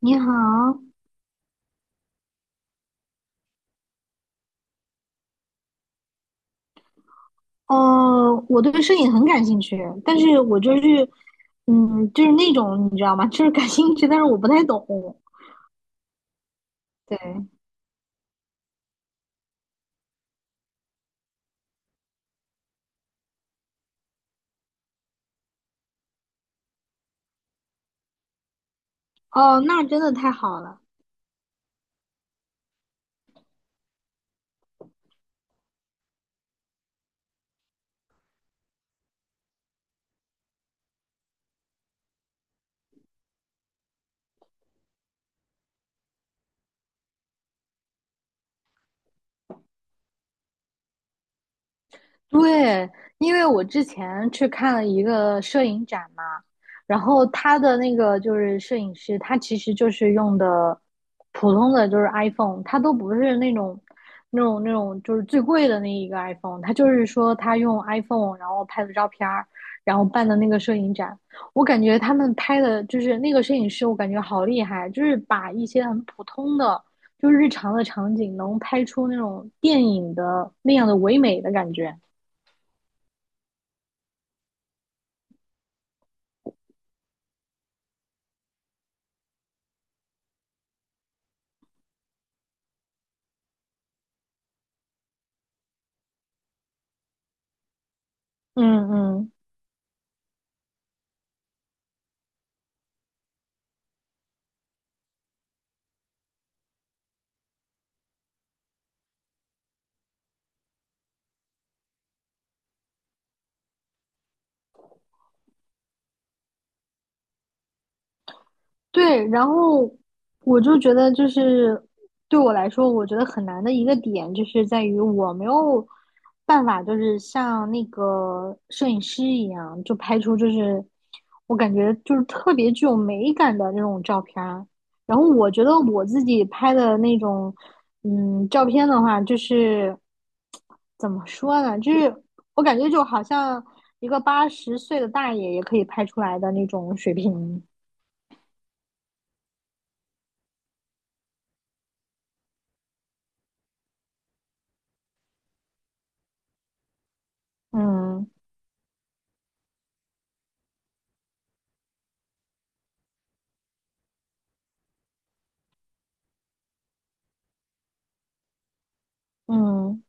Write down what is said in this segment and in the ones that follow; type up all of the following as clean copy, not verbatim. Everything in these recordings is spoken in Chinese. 你好，我对摄影很感兴趣，但是我就是，就是那种你知道吗？就是感兴趣，但是我不太懂。对，哦，那真的太好了。对，因为我之前去看了一个摄影展嘛，然后他的那个就是摄影师，他其实就是用的普通的就是 iPhone，他都不是那种就是最贵的那一个 iPhone，他就是说他用 iPhone 然后拍的照片儿然后办的那个摄影展，我感觉他们拍的就是那个摄影师，我感觉好厉害，就是把一些很普通的就是日常的场景能拍出那种电影的那样的唯美的感觉。嗯嗯，对，然后我就觉得，就是对我来说，我觉得很难的一个点，就是在于我没有办法，就是像那个摄影师一样，就拍出就是我感觉就是特别具有美感的那种照片儿。然后我觉得我自己拍的那种，照片的话，就是怎么说呢，就是我感觉就好像一个80岁的大爷也可以拍出来的那种水平。嗯嗯，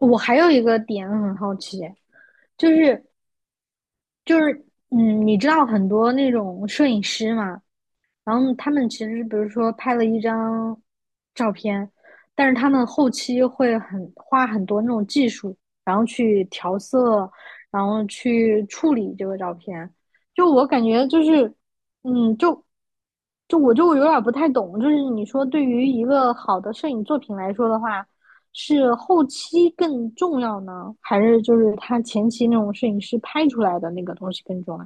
我还有一个点很好奇，就是就是你知道很多那种摄影师嘛，然后他们其实比如说拍了一张照片，但是他们后期会很花很多那种技术，然后去调色，然后去处理这个照片。就我感觉就是，嗯，就就我就有点不太懂，就是你说对于一个好的摄影作品来说的话，是后期更重要呢，还是就是他前期那种摄影师拍出来的那个东西更重要？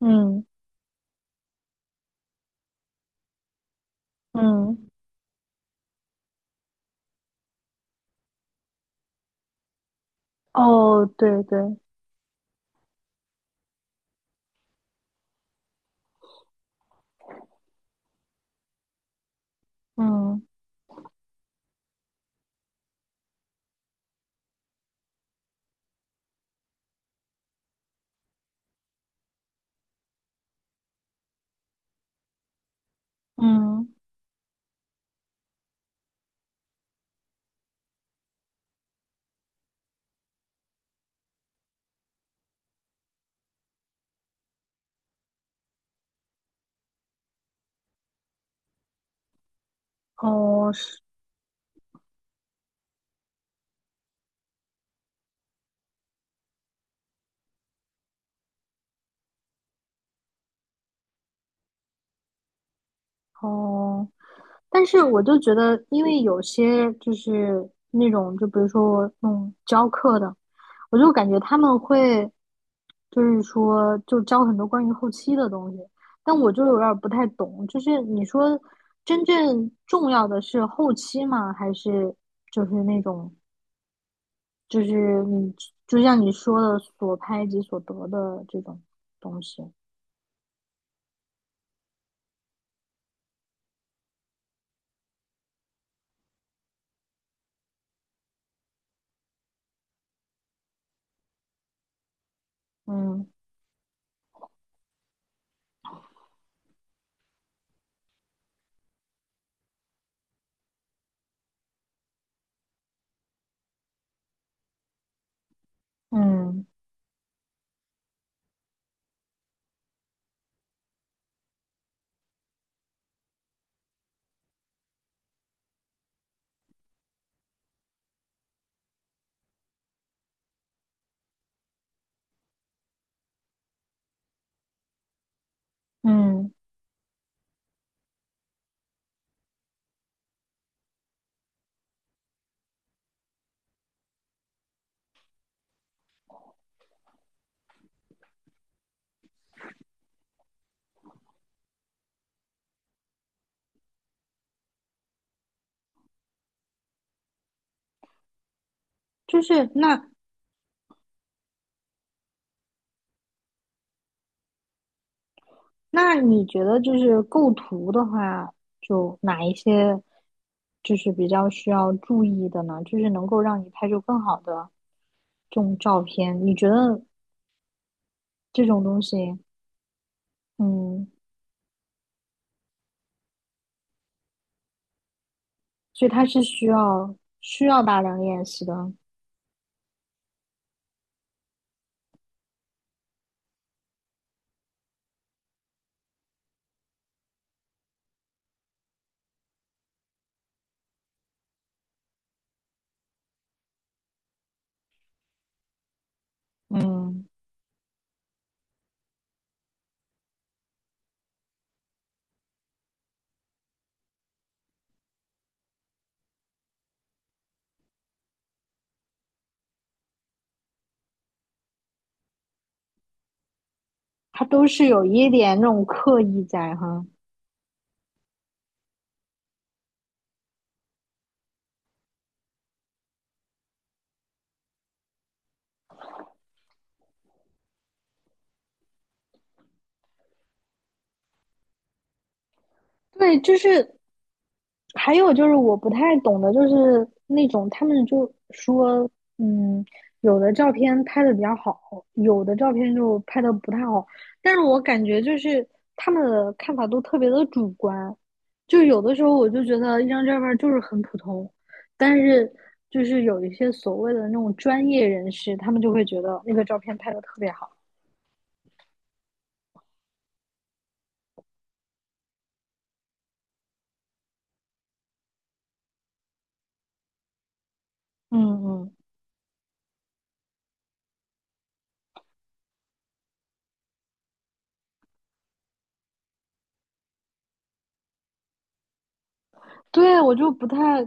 嗯嗯，哦，对对。嗯嗯，哦是哦，但是我就觉得，因为有些就是那种，就比如说我弄教课的，我就感觉他们会就是说就教很多关于后期的东西，但我就有点儿不太懂，就是你说真正重要的是后期吗？还是就是那种就是你就像你说的所拍即所得的这种东西？嗯嗯。嗯，就是那你觉得就是构图的话，就哪一些就是比较需要注意的呢？就是能够让你拍出更好的这种照片，你觉得这种东西，嗯，所以它是需要大量练习的，嗯，它都是有一点那种刻意在哈。对，就是还有就是我不太懂的，就是那种他们就说，嗯，有的照片拍的比较好，有的照片就拍的不太好。但是我感觉就是他们的看法都特别的主观，就有的时候我就觉得一张照片就是很普通，但是就是有一些所谓的那种专业人士，他们就会觉得那个照片拍的特别好。嗯嗯。对，我就不太，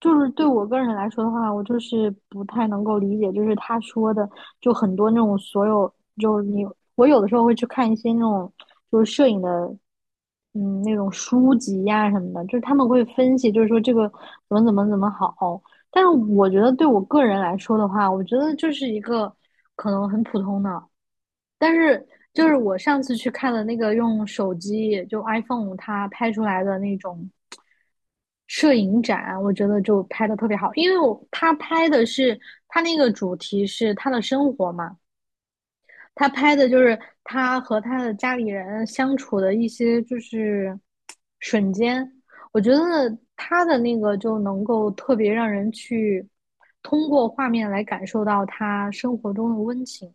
就是对我个人来说的话，我就是不太能够理解，就是他说的，就很多那种所有，就是你，我有的时候会去看一些那种就是摄影的，嗯，那种书籍呀、什么的，就是他们会分析，就是说这个怎么怎么怎么好，但是我觉得对我个人来说的话，我觉得就是一个可能很普通的，但是就是我上次去看的那个用手机就 iPhone 它拍出来的那种。摄影展，我觉得就拍的特别好，因为我他拍的是他那个主题是他的生活嘛，他拍的就是他和他的家里人相处的一些就是瞬间，我觉得他的那个就能够特别让人去通过画面来感受到他生活中的温情，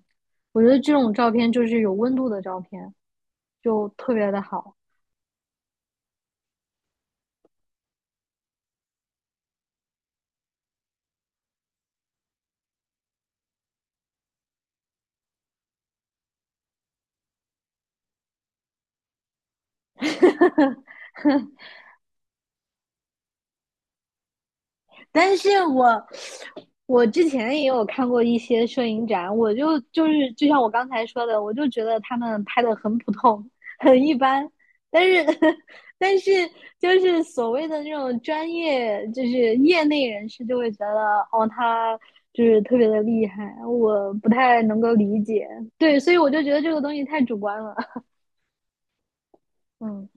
我觉得这种照片就是有温度的照片，就特别的好。但是我之前也有看过一些摄影展，我就就是就像我刚才说的，我就觉得他们拍的很普通，很一般。但是 但是就是所谓的那种专业，就是业内人士就会觉得，哦，他就是特别的厉害，我不太能够理解。对，所以我就觉得这个东西太主观了。嗯。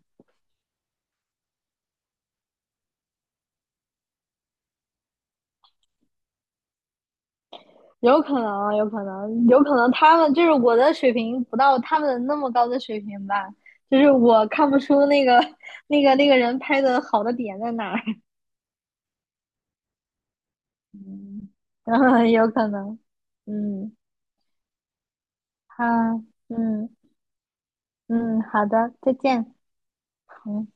有可能，有可能，有可能他们就是我的水平不到他们那么高的水平吧，就是我看不出那个 那个人拍的好的点在哪儿。嗯，有可能。嗯，好，嗯嗯，好的，再见。嗯。